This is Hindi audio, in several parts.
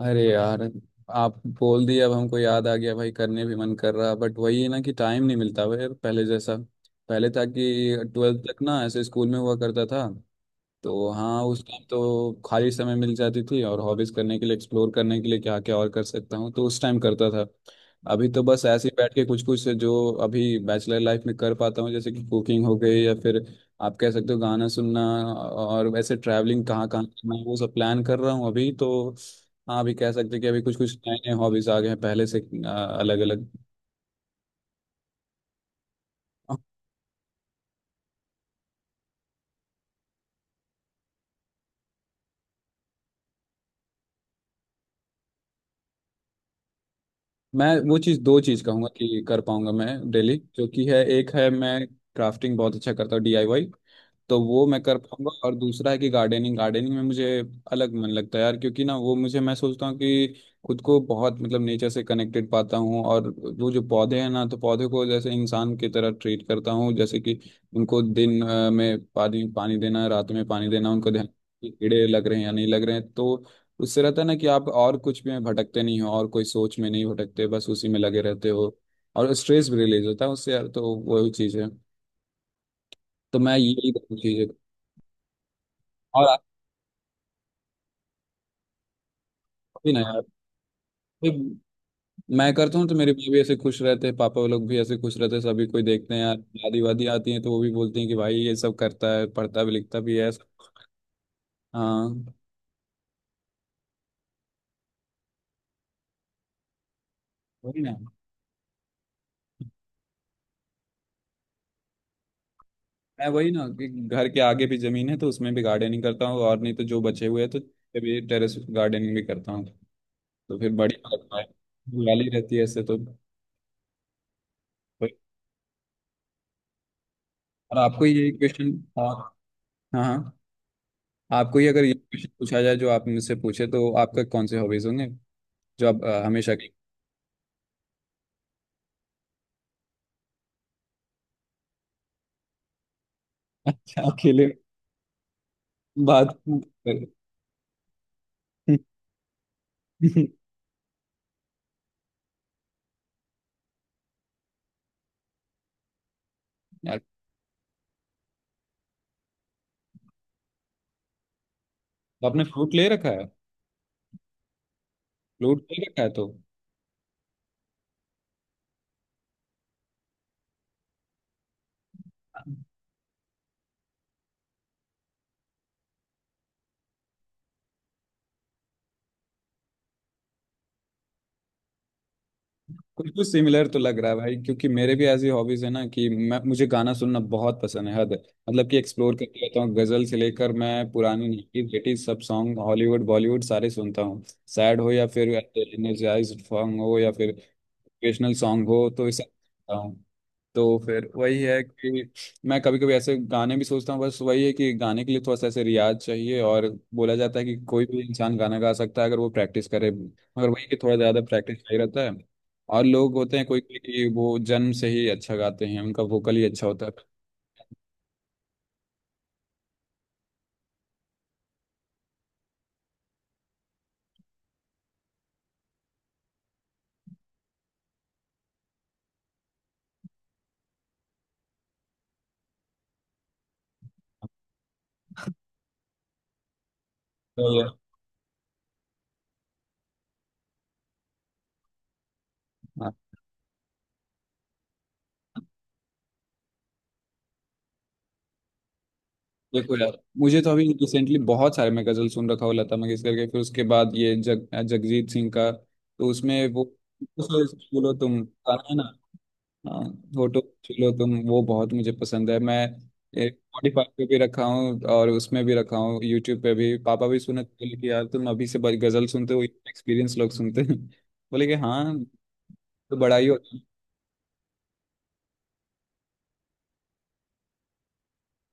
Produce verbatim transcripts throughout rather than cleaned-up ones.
अरे यार, आप बोल दिए अब हमको याद आ गया भाई। करने भी मन कर रहा, बट वही है ना कि टाइम नहीं मिलता भाई यार, पहले जैसा पहले था कि ट्वेल्थ तक ना ऐसे स्कूल में हुआ करता था। तो हाँ, उस टाइम तो खाली समय मिल जाती थी और हॉबीज करने के लिए, एक्सप्लोर करने के लिए क्या क्या और कर सकता हूँ, तो उस टाइम करता था। अभी तो बस ऐसे ही बैठ के कुछ कुछ जो अभी बैचलर लाइफ में कर पाता हूँ, जैसे कि कुकिंग हो गई या फिर आप कह सकते हो गाना सुनना। और वैसे ट्रैवलिंग कहाँ कहाँ करना है वो सब प्लान कर रहा हूँ अभी तो। हाँ, अभी कह सकते हैं कि अभी कुछ कुछ नए नए हॉबीज आ गए हैं पहले से अलग अलग। मैं वो चीज़, दो चीज़ कहूँगा कि कर पाऊंगा मैं डेली, जो कि है, एक है मैं क्राफ्टिंग बहुत अच्छा करता हूँ, डीआईवाई। तो वो मैं कर पाऊंगा। और दूसरा है कि गार्डनिंग, गार्डनिंग में मुझे अलग मन लगता है यार, क्योंकि ना वो मुझे मैं सोचता हूँ कि खुद को बहुत मतलब नेचर से कनेक्टेड पाता हूँ। और वो जो पौधे हैं ना, तो पौधे को जैसे इंसान की तरह ट्रीट करता हूँ, जैसे कि उनको दिन अ, में पानी पानी देना, रात में पानी देना, उनको ध्यान कि कीड़े लग रहे हैं या नहीं लग रहे हैं, तो उससे रहता है ना कि आप और कुछ में भटकते नहीं हो और कोई सोच में नहीं भटकते, बस उसी में लगे रहते हो। और स्ट्रेस भी रिलीज होता है उससे यार, तो वही चीज़ है। तो मैं, यही चीज़ है। और भी ना यार, फिर मैं करता हूँ तो मेरे भाई भी ऐसे खुश रहते हैं, पापा लोग भी ऐसे खुश रहते हैं, सभी कोई देखते हैं यार। दादी वादी आती हैं तो वो भी बोलती हैं कि भाई ये सब करता है, पढ़ता भी लिखता भी है। हाँ। वही ना, मैं वही ना कि घर के आगे भी जमीन है, तो उसमें भी गार्डनिंग करता हूँ, और नहीं तो जो बचे हुए हैं तो भी टेरेस गार्डनिंग भी करता हूँ। तो फिर बढ़िया लगता है, हरियाली रहती है ऐसे तो। और आपको ये क्वेश्चन, हाँ हाँ, आपको ये, अगर ये क्वेश्चन पूछा जाए जो आप मुझसे पूछे, तो आपका कौन से हॉबीज होंगे जो आप अ, हमेशा। अच्छा, अकेले बात यार। तो आपने फ्लूट ले रखा है? फ्लूट ले रखा है तो। कुछ कुछ सिमिलर तो लग रहा है भाई, क्योंकि मेरे भी ऐसी हॉबीज है ना कि मैं, मुझे गाना सुनना बहुत पसंद है, हद है। मतलब कि एक्सप्लोर करते रहता हूँ, गजल से लेकर मैं पुरानी नाइंटीज़ एटीज़ सब सॉन्ग, हॉलीवुड बॉलीवुड सारे सुनता हूँ। सैड हो या फिर एनर्जाइज सॉन्ग हो या फिर मोटिवेशनल सॉन्ग हो, तो ये सब सुनता हूँ। तो फिर वही है कि मैं कभी कभी ऐसे गाने भी सोचता हूँ, बस वही है कि गाने के लिए थोड़ा सा ऐसे रियाज चाहिए। और बोला जाता है कि कोई भी इंसान गाना गा सकता है अगर वो प्रैक्टिस करे, मगर वही कि थोड़ा ज़्यादा प्रैक्टिस चाहिए रहता है। और लोग होते हैं कोई कोई कि वो जन्म से ही अच्छा गाते हैं, उनका वोकल ही अच्छा होता है। तो हाँ। देखो यार, मुझे तो अभी रिसेंटली बहुत सारे मैं गज़ल सुन रखा हुआ, लता मंगेशकर के, फिर उसके बाद ये जग जगजीत सिंह का, तो उसमें वो। बोलो तुम, गाना है ना। हाँ, फोटो खींच लो तुम, वो बहुत मुझे पसंद है। मैं एक Spotify पे भी रखा हूँ और उसमें भी रखा हूँ, यूट्यूब पे भी। पापा भी सुने तो बोले कि यार तुम अभी से ब- गजल सुनते हो, एक्सपीरियंस लोग सुनते हैं। बोले कि हाँ, तो बड़ा ही होता है।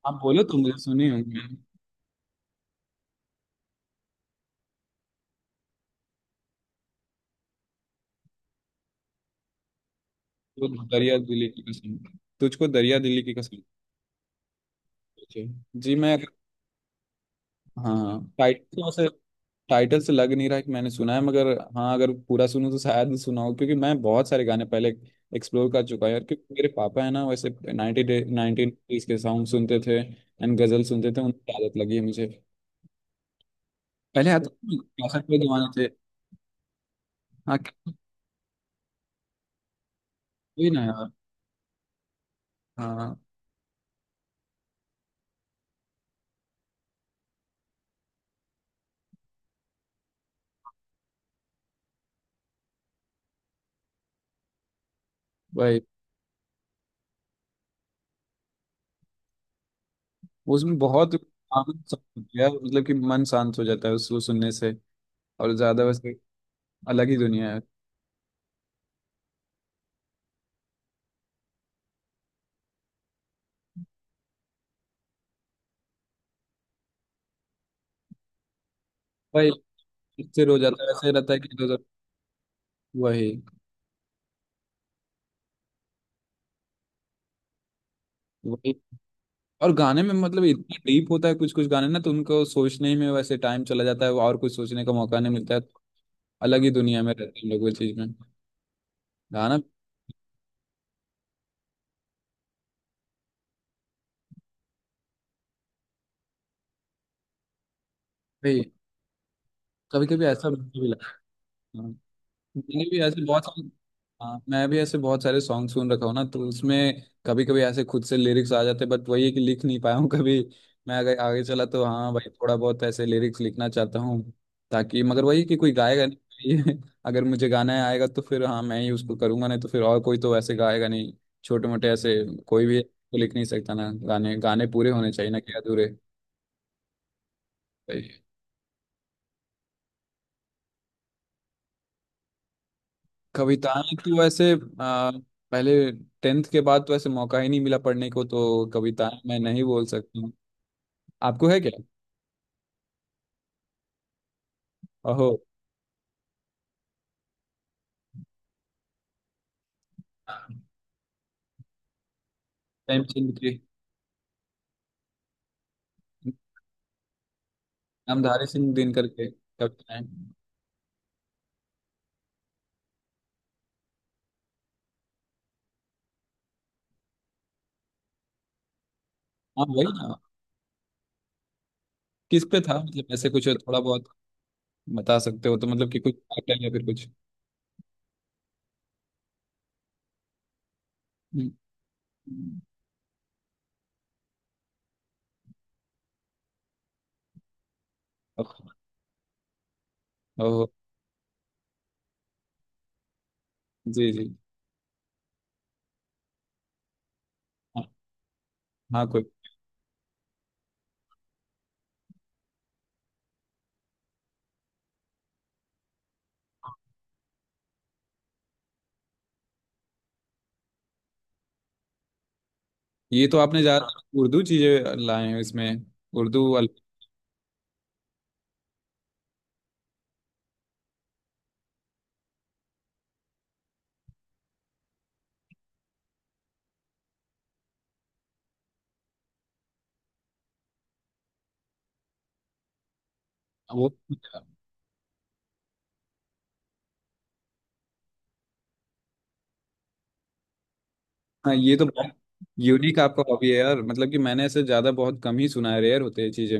आप बोलो तुम, मुझे सुनी हो मैं। तो दरिया दिली की कसम, तुझको दरिया दिली की कसम। जी मैं, हाँ हाँ, टाइटल, टाइटल से लग नहीं रहा कि मैंने सुना है, मगर हाँ, अगर पूरा सुनूं तो शायद सुना हो, क्योंकि मैं बहुत सारे गाने पहले एक्सप्लोर कर चुका हूं यार, क्योंकि मेरे पापा है ना, वैसे नाइंटी डे नाइनटीन के सॉन्ग सुनते थे एंड गजल सुनते थे, उनकी आदत लगी है मुझे। पहले आते थे कैसेट पे, जमाने थे। हाँ, cassette। वही ना यार। हाँ भाई, उसमें बहुत आनंद सा होता है यार, मतलब कि मन शांत हो जाता है उसको सुनने से। और ज्यादा वैसे अलग ही दुनिया है भाई। इससे रोज आता है, वैसे रहता है कि रोज, वही वही। और गाने में मतलब इतना डीप होता है कुछ कुछ गाने ना, तो उनको सोचने ही में वैसे टाइम चला जाता है और कुछ सोचने का मौका नहीं मिलता है। अलग ही दुनिया में रहते हैं हम लोग, वो चीज में, गाना भाई। कभी कभी ऐसा भी लगता है। मैंने भी ऐसे बहुत सारे, हाँ, मैं भी ऐसे बहुत सारे सॉन्ग सुन रखा हूँ ना, तो उसमें कभी कभी ऐसे खुद से लिरिक्स आ जाते, बट वही है कि लिख नहीं पाया हूँ कभी। मैं अगर आगे चला तो हाँ भाई, थोड़ा बहुत ऐसे लिरिक्स लिखना चाहता हूँ, ताकि। मगर वही कि कोई गाएगा नहीं। ये, अगर मुझे गाना आएगा तो फिर हाँ मैं ही उसको करूंगा, नहीं तो फिर और कोई तो ऐसे गाएगा नहीं। छोटे मोटे ऐसे कोई भी तो लिख नहीं सकता ना, गाने गाने पूरे होने चाहिए ना कि अधूरे। कविताएं तो वैसे आ, पहले टेंथ के बाद तो ऐसे मौका ही नहीं मिला पढ़ने को, तो कविताएं मैं नहीं बोल सकता हूँ। आपको है क्या? ओहो। प्रेमचंद की, नामधारी सिंह दिनकर के कविताएं। हाँ वही ना, किस पे था, मतलब ऐसे कुछ थोड़ा बहुत बता सकते हो तो, मतलब कि कुछ title या फिर कुछ। हम्म, ओह, ओह, जी जी, हाँ हाँ, कोई। ये तो आपने ज्यादा उर्दू चीजें लाए हैं इसमें, उर्दू अल- वो। हाँ, ये तो बहुत यूनिक आपका हॉबी है यार, मतलब कि मैंने ऐसे ज्यादा बहुत कम ही सुना है, रेयर होते हैं चीजें।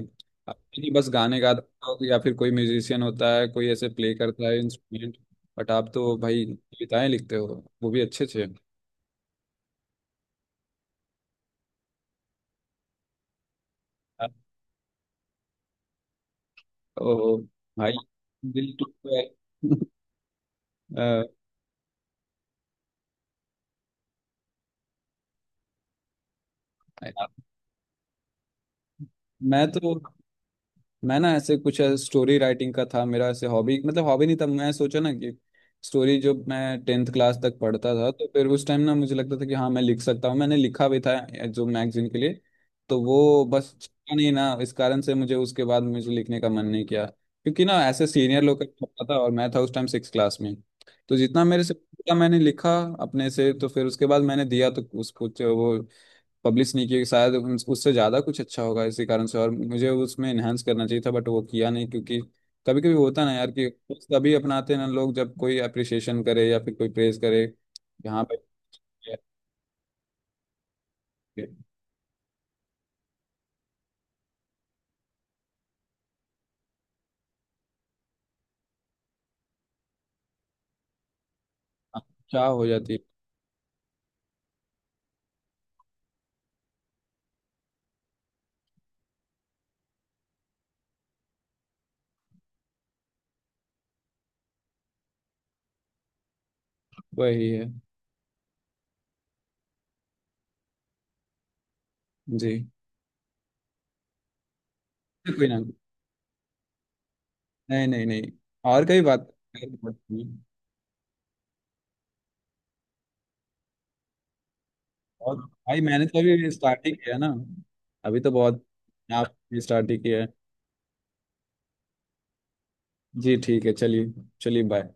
आप ही बस गाने गाता हो या फिर कोई म्यूजिशियन होता है, कोई ऐसे प्ले करता है इंस्ट्रूमेंट, बट आप तो भाई कविताएं लिखते हो, वो भी अच्छे अच्छे। ओ भाई, दिल टूट गया। अ, मैं तो, मैं ना ऐसे कुछ स्टोरी राइटिंग का था मेरा ऐसे हॉबी, मतलब हॉबी नहीं था, मैं सोचा ना कि स्टोरी। जब मैं टेंथ क्लास तक पढ़ता था तो फिर उस टाइम ना मुझे लगता था कि हाँ मैं लिख सकता हूँ, मैंने लिखा भी था जो मैगजीन के लिए। तो वो बस चला नहीं ना, इस कारण से मुझे उसके बाद मुझे लिखने का मन नहीं किया, क्योंकि ना ऐसे सीनियर लोग का पढ़ता था, और मैं था उस टाइम सिक्स क्लास में। तो जितना मेरे से पता मैंने लिखा अपने से, तो फिर उसके बाद मैंने दिया तो उसको, जो वो पब्लिश नहीं किया कि शायद उन- उससे ज़्यादा कुछ अच्छा होगा, इसी कारण से, और मुझे उसमें इन्हांस करना चाहिए था, बट वो किया नहीं, क्योंकि कभी कभी होता ना यार कि तभी अपनाते हैं ना लोग जब कोई अप्रिशिएशन करे या फिर कोई प्रेज करे, यहाँ पे क्या हो जाती है, वही है। जी, कोई ना, नहीं नहीं नहीं, और कई बात, और भाई मैंने तो अभी स्टार्ट ही किया ना, अभी तो बहुत, आप स्टार्ट ही किया है। जी ठीक है, चलिए। चलिए बाय।